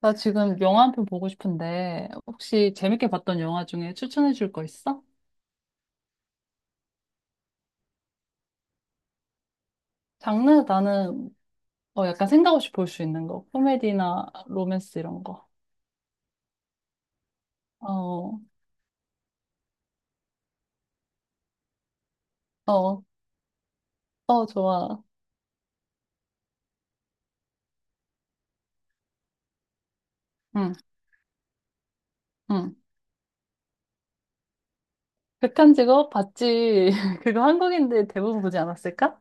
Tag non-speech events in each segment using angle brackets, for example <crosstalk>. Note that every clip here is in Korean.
나 지금 영화 한 편 보고 싶은데, 혹시 재밌게 봤던 영화 중에 추천해 줄 거 있어? 장르 나는 약간 생각 없이 볼 수 있는 거. 코미디나 로맨스 이런 거. 어, 어, 좋아. 응, 응. 극한 직업 봤지. <laughs> 그거 한국인들 대부분 보지 않았을까?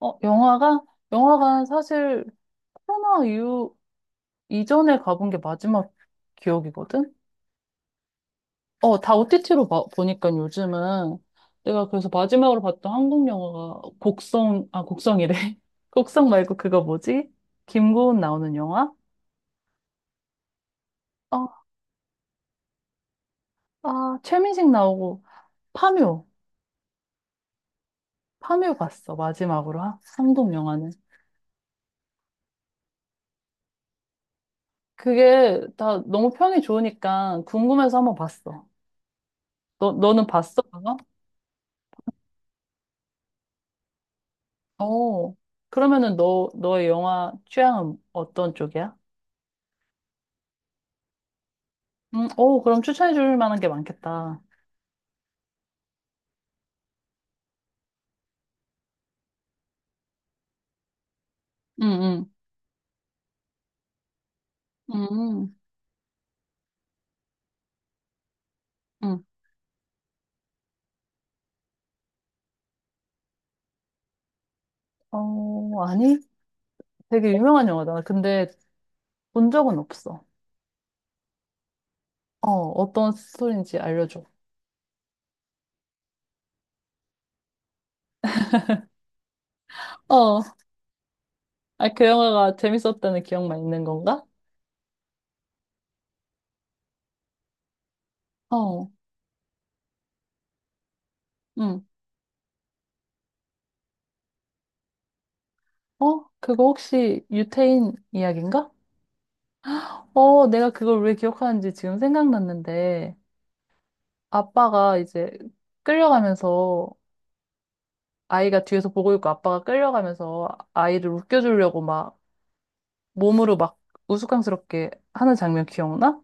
어, 영화가? 영화관 사실 코로나 이후, 이전에 가본 게 마지막 기억이거든? 어, 다 OTT로 보니까 요즘은 내가 그래서 마지막으로 봤던 한국 영화가 곡성, 아, 곡성이래. <laughs> 곡성 말고 그거 뭐지? 김고은 나오는 영화? 어, 아, 최민식 나오고 파묘. 파묘 봤어, 마지막으로. 한국 영화는. 그게 다 너무 평이 좋으니까 궁금해서 한번 봤어. 너는 봤어, 그거? 어. 그러면은 너의 영화 취향은 어떤 쪽이야? 오, 그럼 추천해 줄 만한 게 많겠다. 응, 응. 음. 응. 어, 아니? 되게 유명한 영화다. 근데 본 적은 없어. 어, 어떤 스토리인지 알려줘. 어, 아, 그 영화가 재밌었다는 기억만 있는 건가? 어, 응. 어, 그거 혹시 유태인 이야기인가? 어, 내가 그걸 왜 기억하는지 지금 생각났는데, 아빠가 이제 끌려가면서, 아이가 뒤에서 보고 있고 아빠가 끌려가면서 아이를 웃겨주려고 막 몸으로 막 우스꽝스럽게 하는 장면 기억나?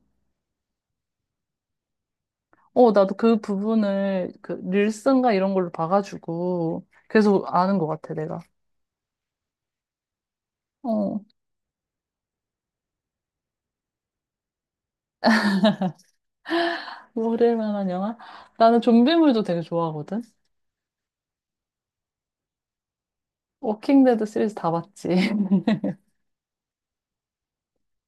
어, 나도 그 부분을 그 릴슨가 이런 걸로 봐가지고 계속 아는 것 같아, 내가. 어, 뭐 그럴 만한 영화? 나는 좀비물도 되게 좋아하거든. 워킹데드 시리즈 다 봤지. <laughs>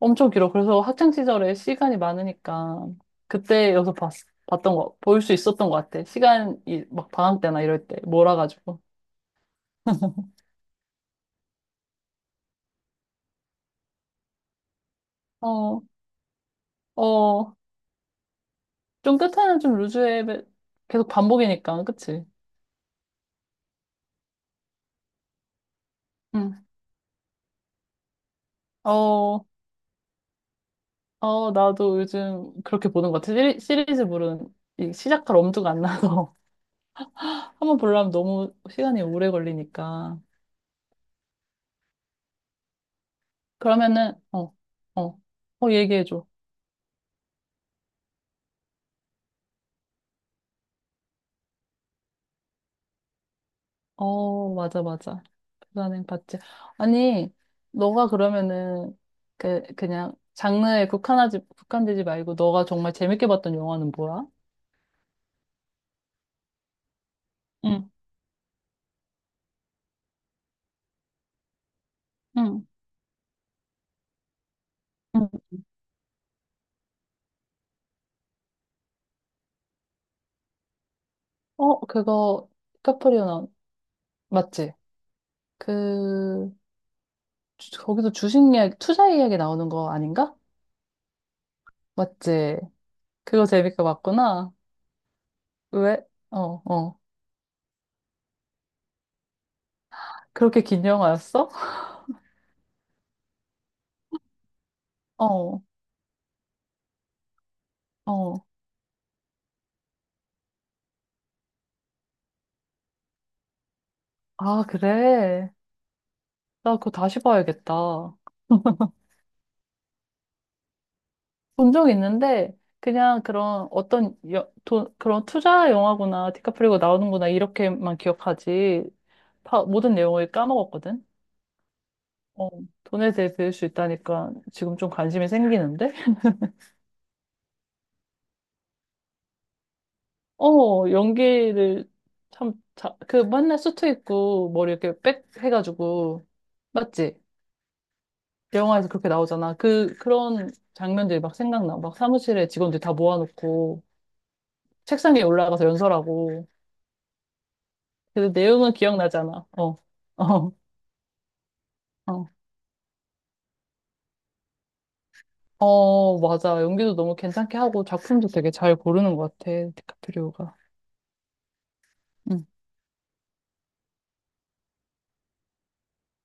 엄청 길어. 그래서 학창 시절에 시간이 많으니까 그때 봤던 거, 볼 수 있었던 것 같아. 시간이 막 방학 때나 이럴 때 몰아가지고. <laughs> 어, 어, 좀 끝에는 좀 루즈해 계속 반복이니까, 그치? 응. 어. 어, 나도 요즘 그렇게 보는 것 같아. 시리즈물은 이 시작할 엄두가 안 나서. <laughs> 한번 보려면 너무 시간이 오래 걸리니까. 그러면은, 어, 얘기해줘. 어, 맞아, 맞아. 불가능 봤지. 아니, 너가 그러면은, 그, 그냥 국한되지 말고 너가 정말 재밌게 봤던 영화는 뭐야? 응, 응, 응. 어, 그거, 카프리오 나온, 맞지? 그, 거기서 주식 이야기, 투자 이야기 나오는 거 아닌가? 맞지? 그거 재밌게 봤구나. 왜? 어, 어. 그렇게 긴 영화였어? 어, 어. 아, 그래. 나 그거 다시 봐야겠다. 본 적 있는데, 그냥 그런 어떤 여, 돈, 그런 투자 영화구나, 디카프리오 나오는구나, 이렇게만 기억하지. 다, 모든 내용을 까먹었거든? 어, 돈에 대해 배울 수 있다니까 지금 좀 관심이 생기는데? 어, 연기를 참, 자, 그 맨날 수트 입고 머리 이렇게 빽 해가지고, 맞지? 영화에서 그렇게 나오잖아. 그, 그런 장면들이 막 생각나. 막 사무실에 직원들 다 모아놓고, 책상 위에 올라가서 연설하고. 근데 내용은 기억나잖아. 어, 어, 어. 어, 맞아. 연기도 너무 괜찮게 하고, 작품도 되게 잘 고르는 것 같아. 디카프리오가. 응,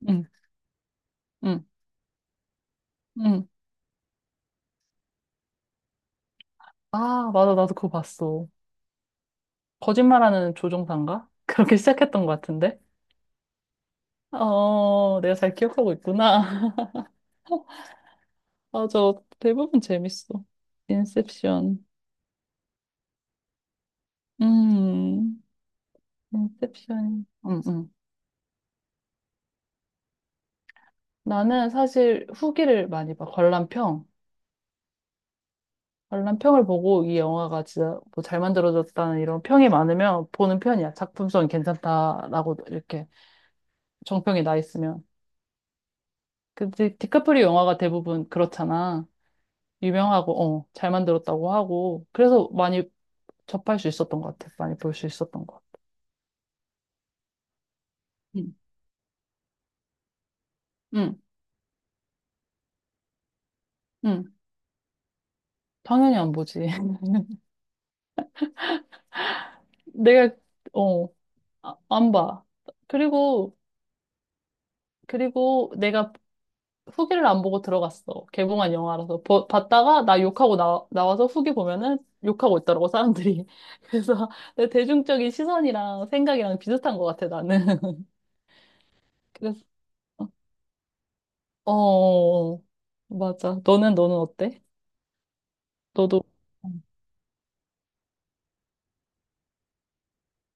응, 응, 응. 아, 맞아. 나도 그거 봤어. 거짓말하는 조종사인가? <laughs> 그렇게 시작했던 것 같은데? 어, 내가 잘 기억하고 있구나. <laughs> 맞아. 대부분 재밌어. 인셉션. 음, 인셉션. 나는 사실 후기를 많이 봐. 관람평. 관람평을 보고 이 영화가 진짜 뭐 잘 만들어졌다는 이런 평이 많으면 보는 편이야. 작품성이 괜찮다라고 이렇게 정평이 나 있으면. 근데 디카프리오 영화가 대부분 그렇잖아. 유명하고, 어, 잘 만들었다고 하고. 그래서 많이 접할 수 있었던 것 같아. 많이 볼 수 있었던 것 같아. 응. 응. 응, 당연히 안 보지. <laughs> 내가, 어, 아, 안 봐. 그리고, 그리고 내가 후기를 안 보고 들어갔어. 개봉한 영화라서. 봤다가 나 욕하고 나와서 후기 보면은 욕하고 있더라고, 사람들이. <laughs> 그래서 내 대중적인 시선이랑 생각이랑 비슷한 것 같아, 나는. <laughs> 그래서, 어, 어, 어. 맞아. 너는 어때? 너도,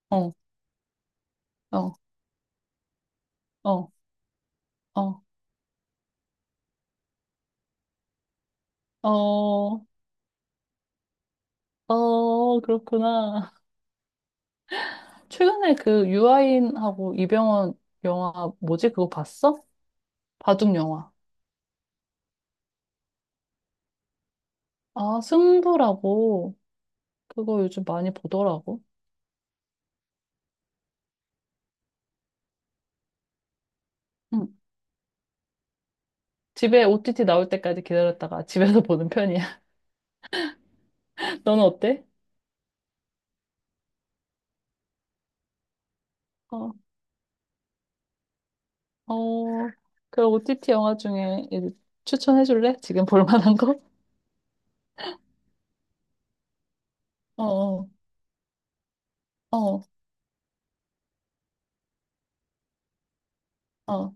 어, 어, 어, 어, 어, 어, 그렇구나. 최근에 그 유아인하고 이병헌 영화 뭐지? 그거 봤어? 바둑 영화. 아, 승부라고. 그거 요즘 많이 보더라고. 응. 집에 OTT 나올 때까지 기다렸다가 집에서 <laughs> 보는 편이야. 너는 어때? 어, 어, 그 OTT 영화 중에 이제 추천해줄래? 지금 볼 만한 거? 어, 어, 어, 어,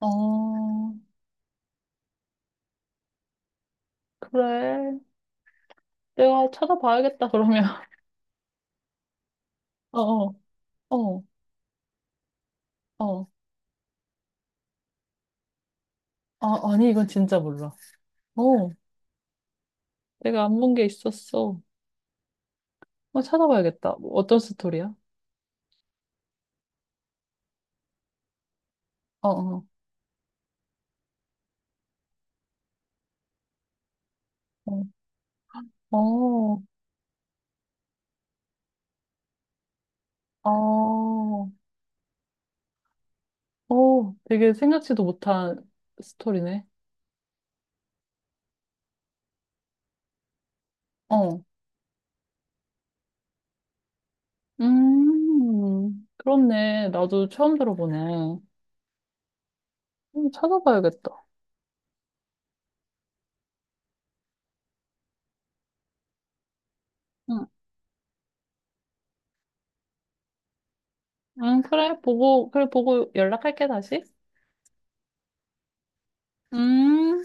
어, 그래. 내가 찾아봐야겠다, 그러면. <laughs> 어, 어, 어, 어. 아, 아니, 이건 진짜 몰라. 어. 내가 안 본 게 있었어. 어, 찾아봐야겠다. 뭐 어떤 스토리야? 어, 어, 어, 어, 어, 어, 되게 생각지도 못한 스토리네. 어, 그렇네. 나도 처음 들어보네. 찾아봐야겠다. 응, 응, 그래, 보고, 그래, 보고 연락할게, 다시. 음.